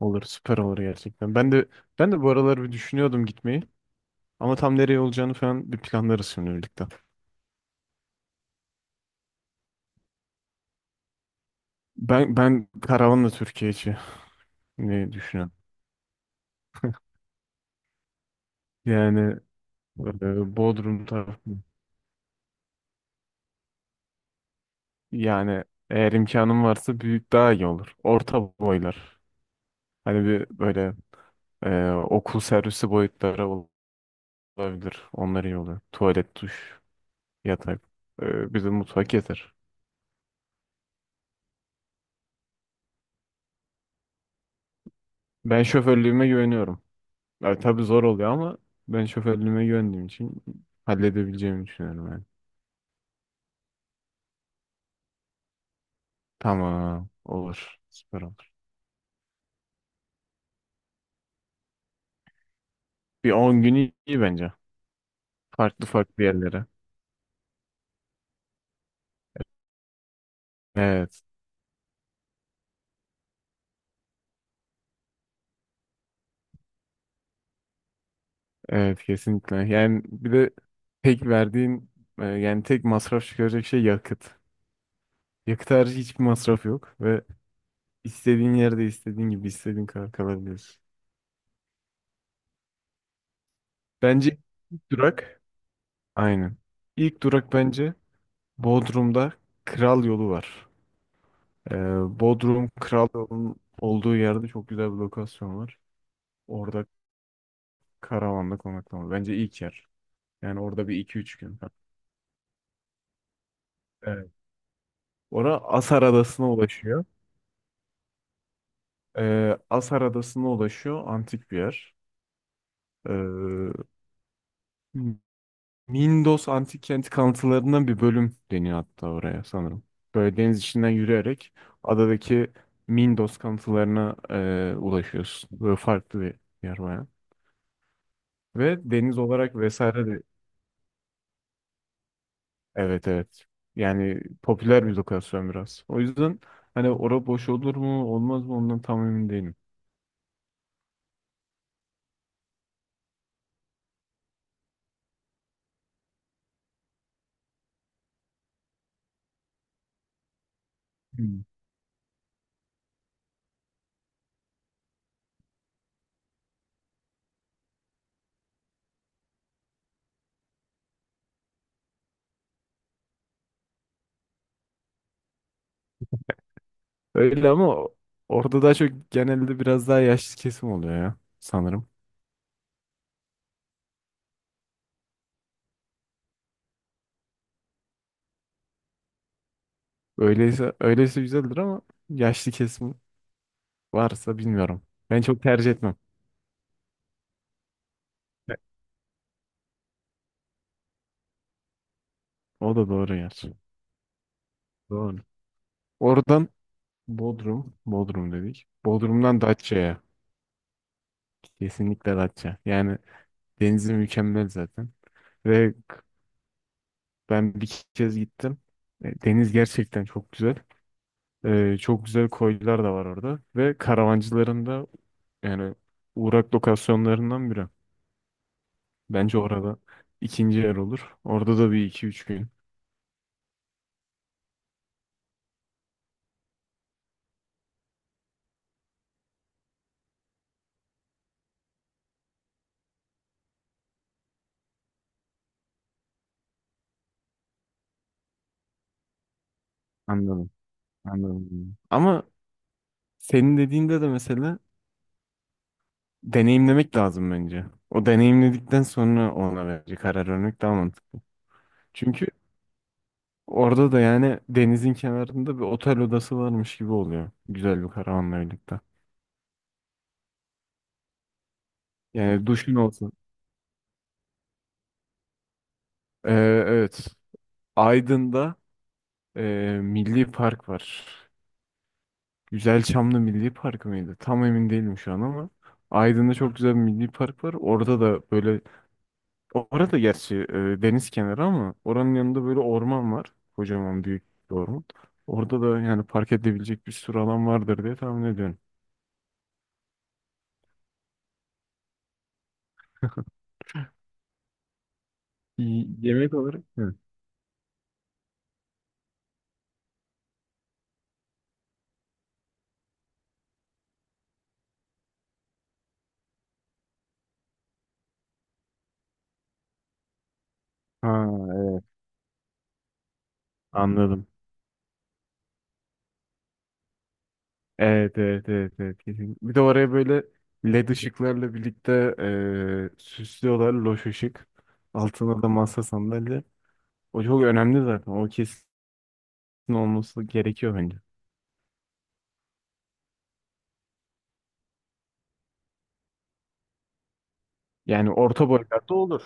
Olur, süper olur gerçekten. Ben de bu aralar bir düşünüyordum gitmeyi. Ama tam nereye olacağını falan bir planlarız şimdi birlikte. Ben karavanla Türkiye içi ne düşünüyorum? Yani Bodrum tarafı. Yani eğer imkanım varsa büyük daha iyi olur. Orta boylar. Hani bir böyle okul servisi boyutları olabilir. Onlar iyi olur. Tuvalet, duş, yatak. Bir de mutfak yeter. Ben şoförlüğüme güveniyorum. Ya, tabii zor oluyor ama ben şoförlüğüme güvendiğim için halledebileceğimi düşünüyorum yani. Tamam. Olur. Süper olur. Bir 10 gün iyi bence. Farklı farklı yerlere. Evet. Evet, kesinlikle. Yani bir de tek verdiğin yani tek masraf çıkaracak şey yakıt. Yakıt harici hiçbir masraf yok ve istediğin yerde istediğin gibi istediğin kadar kalabiliyorsun. Bence ilk durak aynen. İlk durak bence Bodrum'da Kral Yolu var. Bodrum Kral Yol'un olduğu yerde çok güzel bir lokasyon var. Orada karavanda konaklama. Bence ilk yer. Yani orada bir iki üç gün. Evet. Ora Asar Adası'na ulaşıyor. Asar Adası'na ulaşıyor. Antik bir yer. Ee, Mindos Antik Kenti kalıntılarından bir bölüm deniyor hatta oraya sanırım. Böyle deniz içinden yürüyerek adadaki Mindos kalıntılarına ulaşıyorsun. Böyle farklı bir yer bayağı. Ve deniz olarak vesaire de evet, evet. Yani popüler bir lokasyon biraz. O yüzden hani ora boş olur mu olmaz mı ondan tam emin değilim. Hmm. Öyle ama orada daha çok genelde biraz daha yaşlı kesim oluyor ya sanırım. Öyleyse güzeldir ama yaşlı kesim varsa bilmiyorum. Ben çok tercih etmem. Evet, o da doğru gerçi. Doğru. Oradan Bodrum dedik. Bodrum'dan Datça'ya. Kesinlikle Datça. Yani denizi mükemmel zaten. Ve ben bir kez gittim. Deniz gerçekten çok güzel. Çok güzel koylar da var orada. Ve karavancıların da yani uğrak lokasyonlarından biri. Bence orada ikinci yer olur. Orada da bir iki üç gün. Anladım. Anladım. Ama senin dediğinde de mesela deneyimlemek lazım bence. O deneyimledikten sonra ona bence karar vermek daha mantıklı. Çünkü orada da yani denizin kenarında bir otel odası varmış gibi oluyor. Güzel bir karavanla birlikte. Yani duşun olsa. Ee, evet. Aydın'da e, Milli Park var. Güzelçamlı Milli Park mıydı? Tam emin değilim şu an ama Aydın'da çok güzel bir milli park var. Orada da böyle orada gerçi deniz kenarı ama oranın yanında böyle orman var. Kocaman büyük bir orman. Orada da yani park edilebilecek bir sürü alan vardır diye tahmin ediyorum. Yemek olarak? Hı. Ha, anladım. Evet, evet, evet, evet, kesin. Bir de oraya böyle led ışıklarla birlikte süslüyorlar loş ışık. Altına da masa sandalye. O çok önemli zaten. O kesin olması gerekiyor bence. Yani orta boylarda olur.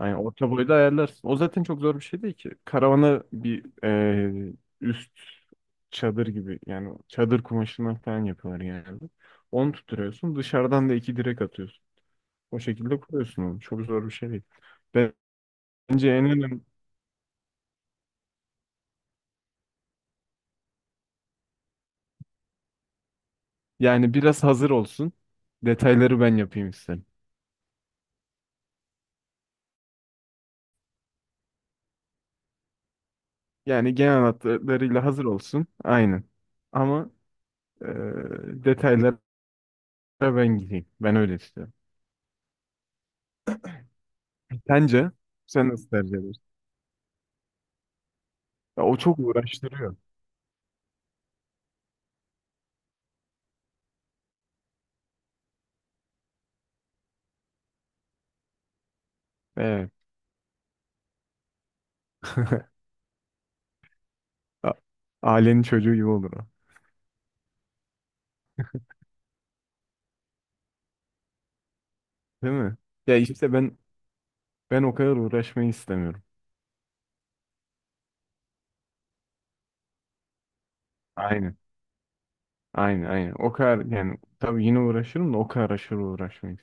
Yani orta boyda ayarlarsın. O zaten çok zor bir şey değil ki. Karavana bir üst çadır gibi yani çadır kumaşından falan yapıyorlar genelde. Onu tutturuyorsun. Dışarıdan da iki direk atıyorsun. O şekilde kuruyorsun onu. Çok zor bir şey değil. Bence en önemli yani biraz hazır olsun. Detayları ben yapayım isterim. Yani genel hatlarıyla hazır olsun. Aynen. Ama e, detaylara ben gideyim. Ben öyle istiyorum. Sence sen nasıl tercih edersin? Ya, o çok uğraştırıyor. Evet. A- Ailenin çocuğu gibi olur o. Değil mi? Ya işte ben o kadar uğraşmayı istemiyorum. Aynen. Aynen, aynen. O kadar yani tabii yine uğraşırım da o kadar aşırı uğraşmayı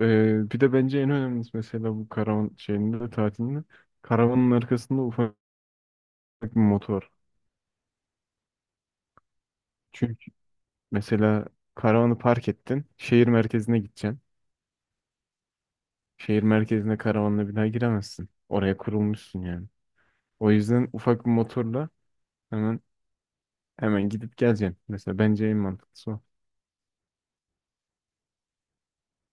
Bir de bence en önemlisi mesela bu karavan şeyinde de tatilinde karavanın arkasında ufak bir motor. Çünkü mesela karavanı park ettin, şehir merkezine gideceksin. Şehir merkezine karavanla bir daha giremezsin. Oraya kurulmuşsun yani. O yüzden ufak bir motorla hemen hemen gidip geleceksin. Mesela bence en mantıklısı o.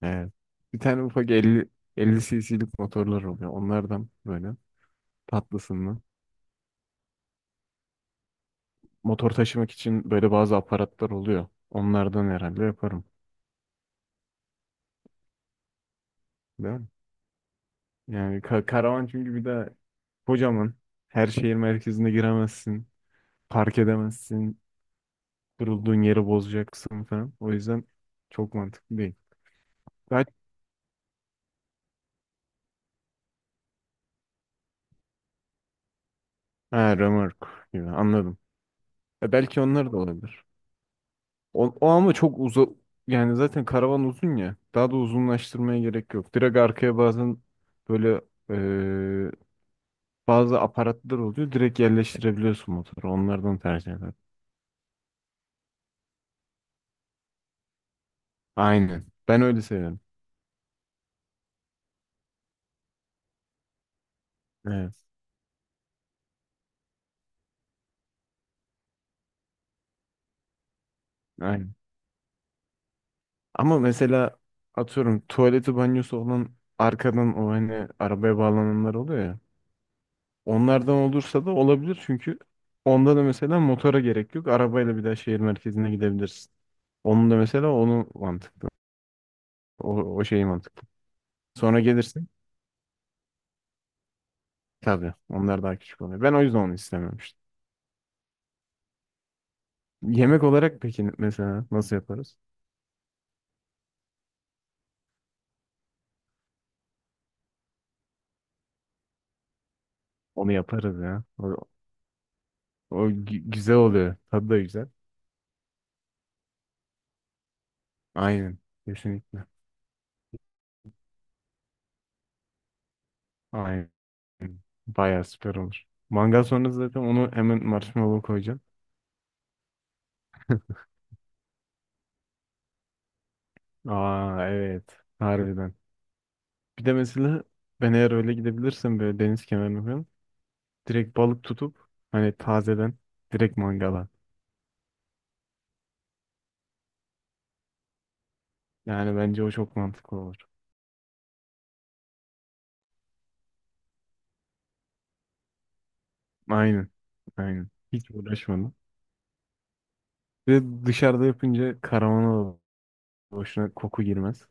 Evet. Bir tane ufak 50 cc'lik motorlar oluyor. Onlardan böyle tatlısından. Motor taşımak için böyle bazı aparatlar oluyor. Onlardan herhalde yaparım. Değil mi? Yani karavan çünkü bir de kocaman. Her şehir merkezine giremezsin. Park edemezsin. Durulduğun yeri bozacaksın falan. O yüzden çok mantıklı değil. Daha... Ha, römork gibi anladım. Belki onlar da olabilir. O, o ama çok uza yani zaten karavan uzun ya. Daha da uzunlaştırmaya gerek yok. Direkt arkaya bazen böyle e, bazı aparatlar oluyor. Direkt yerleştirebiliyorsun motoru. Onlardan tercih ederim. Aynen. Ben öyle seviyorum. Evet. Aynen. Ama mesela atıyorum tuvaleti banyosu olan arkadan o hani arabaya bağlananlar oluyor ya. Onlardan olursa da olabilir çünkü onda da mesela motora gerek yok. Arabayla bir daha şehir merkezine gidebilirsin. Onun da mesela onu mantıklı. O şeyi mantıklı. Sonra gelirsin. Tabii onlar daha küçük oluyor. Ben o yüzden onu istememiştim. Yemek olarak peki mesela nasıl yaparız? Onu yaparız ya. O, o güzel oluyor. Tadı da güzel. Aynen. Kesinlikle. Aynen. Bayağı süper olur. Mangal sonrası zaten onu hemen marshmallow koyacağım. Aa evet. Harbiden. Bir de mesela ben eğer öyle gidebilirsem böyle deniz kenarına falan direkt balık tutup hani tazeden direkt mangala. Yani bence o çok mantıklı olur. Aynen. Aynen. Hiç uğraşmadım. Ve dışarıda yapınca karavana da boşuna koku girmez.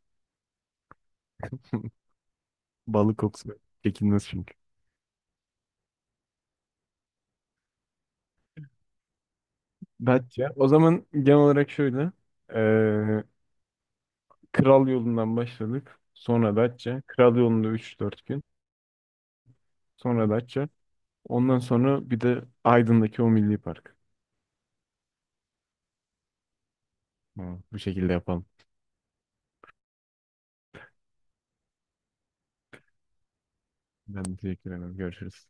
Balık kokusu çekilmez çünkü. Datça. O zaman genel olarak şöyle. Ee, Kral yolundan başladık. Sonra Datça. Kral yolunda üç dört gün. Sonra Datça. Ondan sonra bir de Aydın'daki o milli park. Tamam, bu şekilde yapalım. Ben teşekkür ederim. Görüşürüz.